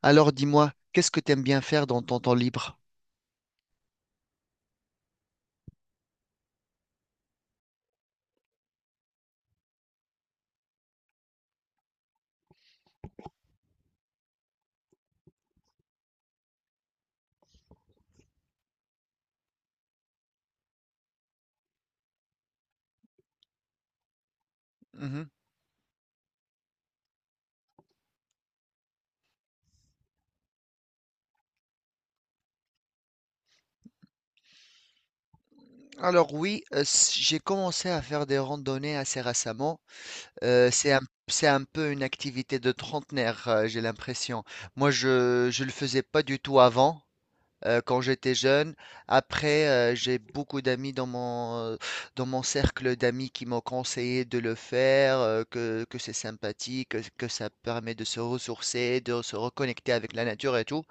Alors dis-moi, qu'est-ce que t'aimes bien faire dans ton temps libre? Mhm. Alors oui, j'ai commencé à faire des randonnées assez récemment. Euh, c'est un, c'est un peu une activité de trentenaire, j'ai l'impression. Moi, je ne le faisais pas du tout avant, quand j'étais jeune. Après, j'ai beaucoup d'amis dans dans mon cercle d'amis qui m'ont conseillé de le faire, que c'est sympathique, que ça permet de se ressourcer, de se reconnecter avec la nature et tout.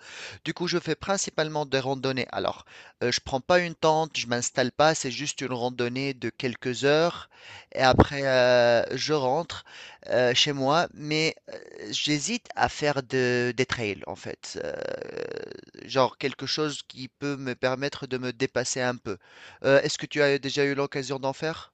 Du coup, je fais principalement des randonnées. Alors, je prends pas une tente, je m'installe pas, c'est juste une randonnée de quelques heures et après, je rentre chez moi. Mais j'hésite à faire des trails en fait, genre quelque chose qui peut me permettre de me dépasser un peu. Est-ce que tu as déjà eu l'occasion d'en faire?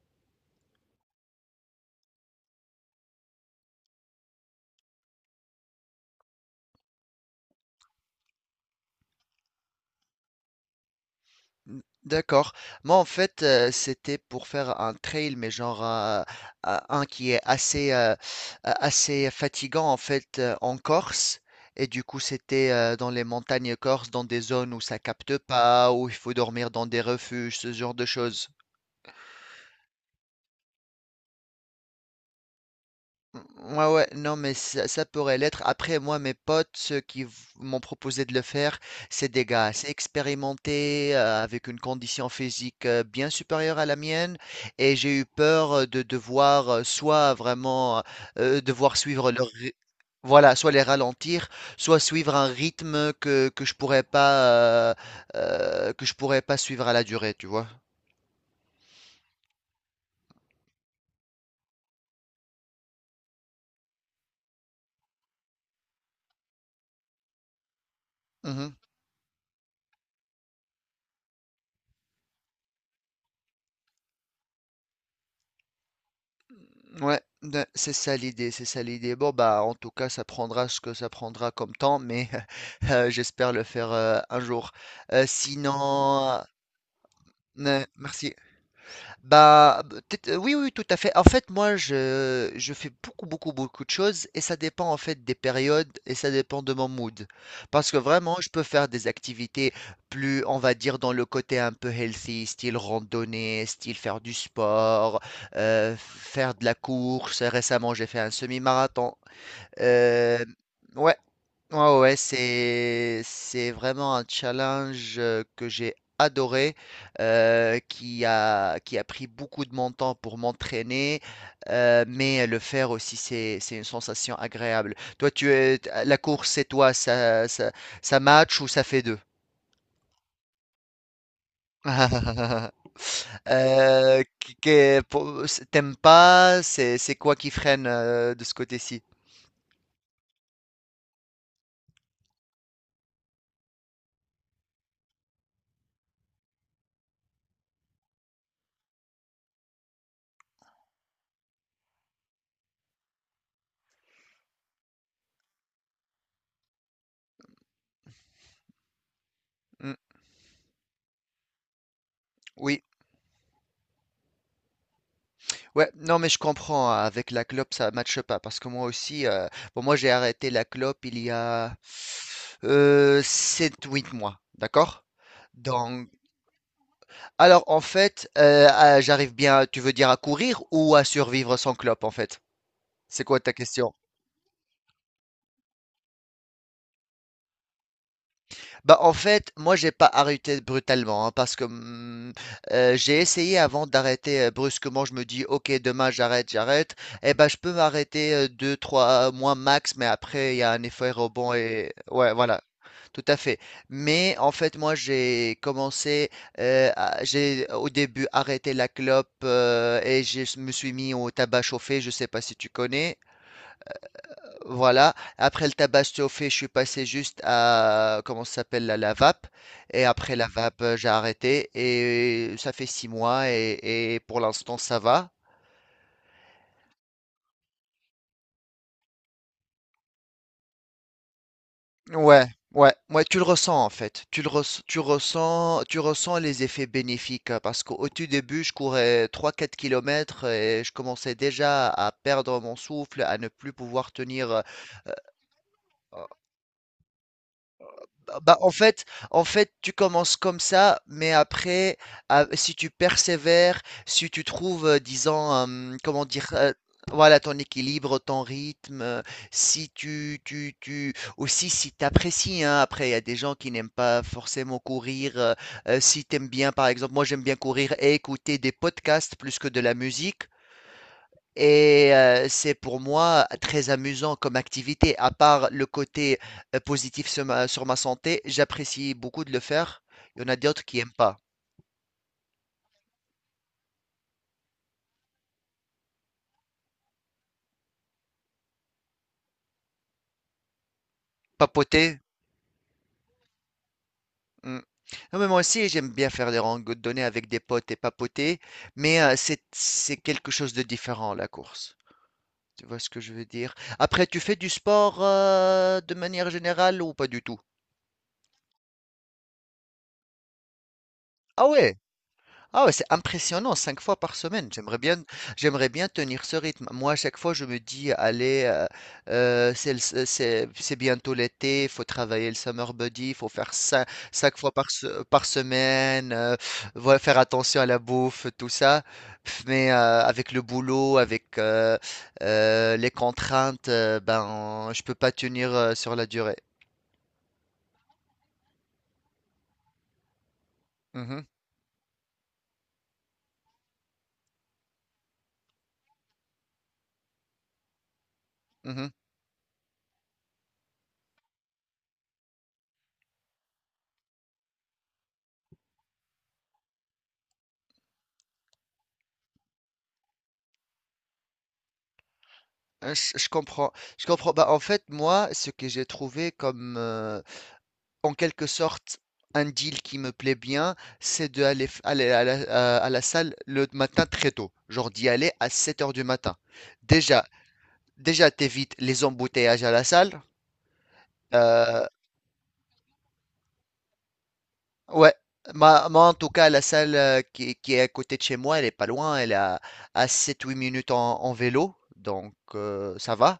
D'accord. Moi en fait, c'était pour faire un trail, mais genre, un qui est assez, assez fatigant en fait, en Corse. Et du coup, c'était, dans les montagnes corses, dans des zones où ça capte pas, où il faut dormir dans des refuges, ce genre de choses. Mmh, ouais, ouais, non, mais ça pourrait l'être. Après, moi, mes potes, m'ont proposé de le faire, c'est des gars assez expérimentés, avec une condition physique, bien supérieure à la mienne, et j'ai eu peur, de devoir, soit vraiment devoir suivre leur ry- voilà, soit les ralentir, soit suivre un rythme que je pourrais pas, que je pourrais pas suivre à la durée, tu vois. Mhm. Ouais, ben, c'est ça l'idée, c'est ça l'idée. Bon, bah, en tout cas, ça prendra ce que ça prendra comme temps, mais j'espère le faire, un jour. Sinon, merci. Bah, oui, oui, tout à fait. En fait, moi, je fais beaucoup, beaucoup, beaucoup de choses, et ça dépend en fait des périodes, et ça dépend de mon mood. Parce que vraiment, je peux faire des activités plus, on va dire, dans le côté un peu healthy, style randonnée, style faire du sport, faire de la course. Récemment, j'ai fait un semi-marathon. Euh, ouais, Ouais, ouais, c'est vraiment un challenge, que j'ai adoré, qui a pris beaucoup de mon temps pour m'entraîner, mais le faire aussi, c'est une sensation agréable. Toi, la course, c'est toi, ça, ça match ou ça fait deux? T'aimes pas, c'est quoi qui freine, de ce côté-ci? Mm. Oui. Ouais, non, mais je comprends, hein. Avec la clope, ça matche pas. Parce que moi aussi, bon, moi, j'ai arrêté la clope il y a, 7-8 mois. D'accord? Donc, alors, en fait, j'arrive bien, tu veux dire à courir ou à survivre sans clope, en fait? C'est quoi ta question? Bah, en fait, moi, j'ai pas arrêté brutalement, hein, parce que j'ai essayé avant d'arrêter, brusquement. Je me dis, ok, demain, j'arrête, j'arrête. Eh ben, je peux m'arrêter, 2, 3 mois max, mais après, il y a un effet rebond. Et ouais, voilà, tout à fait. Mais en fait, moi, j'ai commencé, j'ai au début arrêté la clope, et je me suis mis au tabac chauffé. Je sais pas si tu connais. Voilà, après le tabac chauffé, je suis passé juste à, comment ça s'appelle, la vape. Et après la vape, j'ai arrêté. Et ça fait 6 mois, et pour l'instant, ça va. Ouais, ouais, ouais, tu le ressens en fait. Tu ressens, tu ressens les effets bénéfiques, parce qu'au tout début, je courais 3, 4 km et je commençais déjà à perdre mon souffle, à ne plus pouvoir tenir. Bah, en fait, tu commences comme ça, mais après, ah, si tu persévères, si tu trouves, disons, comment dire, voilà, ton équilibre, ton rythme, si tu, tu, tu, aussi si tu apprécies, hein. Après, il y a des gens qui n'aiment pas forcément courir, si tu aimes bien, par exemple, moi j'aime bien courir et écouter des podcasts plus que de la musique, et c'est pour moi très amusant comme activité. À part le côté, positif sur sur ma santé, j'apprécie beaucoup de le faire. Il y en a d'autres qui n'aiment pas. Papoter. Mm. Non, mais moi aussi, j'aime bien faire des randonnées avec des potes et papoter, mais c'est quelque chose de différent, la course. Tu vois ce que je veux dire? Après, tu fais du sport, de manière générale ou pas du tout? Ah ouais? Ah ouais, c'est impressionnant, 5 fois par semaine. J'aimerais bien tenir ce rythme. Moi, à chaque fois, je me dis, allez, c'est, le- c'est bientôt l'été, il faut travailler le summer body, il faut faire ça 5 fois par semaine, voilà, faire attention à la bouffe, tout ça. Pff. Mais, avec le boulot, avec, les contraintes, ben, je peux pas tenir, sur la durée. Mhm, mhm. Je comprends. Je comprends. Bah, en fait, moi, ce que j'ai trouvé comme, en quelque sorte, un deal qui me plaît bien, c'est aller à à la salle le matin très tôt, genre d'y aller à 7 heures du matin. Déjà, déjà, t'évites les embouteillages à la salle. Euh, ouais, Moi en tout cas, la salle, qui est à côté de chez moi, elle est pas loin, elle est à 7-8 minutes en vélo, donc, ça va.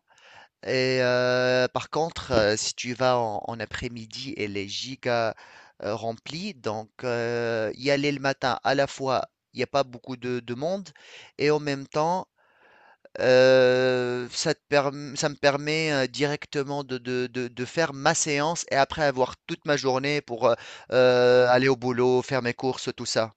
Et, par contre, si tu vas en après-midi, elle est giga, remplie. Donc, y aller le matin, à la fois, il n'y a pas beaucoup de monde. Et en même temps, ça me permet, directement de faire ma séance et après avoir toute ma journée pour, aller au boulot, faire mes courses, tout ça.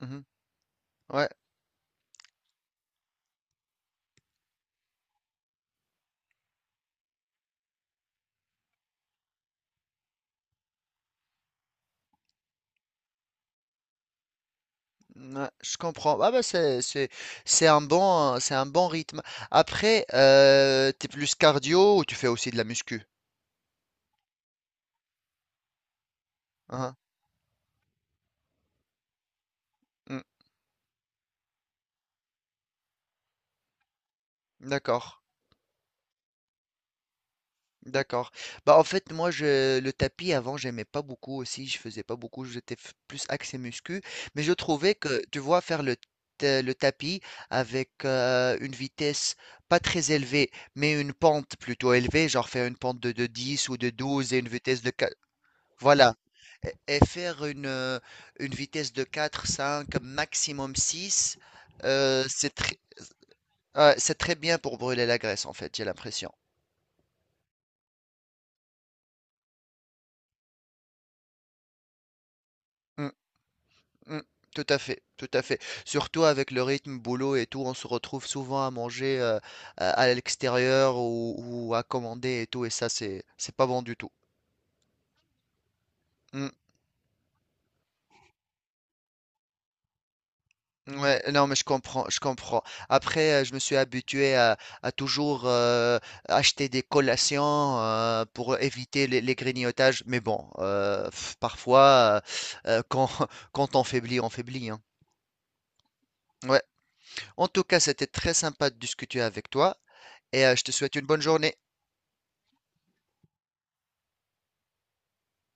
Mhm. Ouais. Ouais, je comprends. Ah bah, c'est un bon rythme. Après, t'es plus cardio ou tu fais aussi de la muscu? Hein? Hmm. D'accord, d'accord. Bah en fait moi je le tapis avant j'aimais pas beaucoup aussi, je faisais pas beaucoup, plus axé muscu, mais je trouvais que, tu vois, faire le tapis avec, une vitesse pas très élevée, mais une pente plutôt élevée, genre faire une pente de 10 ou de 12 et une vitesse de 4, et faire une vitesse de 4, 5 maximum 6, c'est très, ouais, c'est très bien pour brûler la graisse, en fait, j'ai l'impression. Mm, mm, tout à fait, tout à fait. Surtout avec le rythme boulot et tout, on se retrouve souvent à manger, à l'extérieur ou à commander et tout, et ça, c'est pas bon du tout. Mm. Ouais, non, mais je comprends, je comprends. Après, je me suis habitué à toujours, acheter des collations, pour éviter les grignotages. Mais bon, pff, parfois, euh, euh, quand, quand on faiblit, hein. Ouais. En tout cas, c'était très sympa de discuter avec toi et je te souhaite une bonne journée.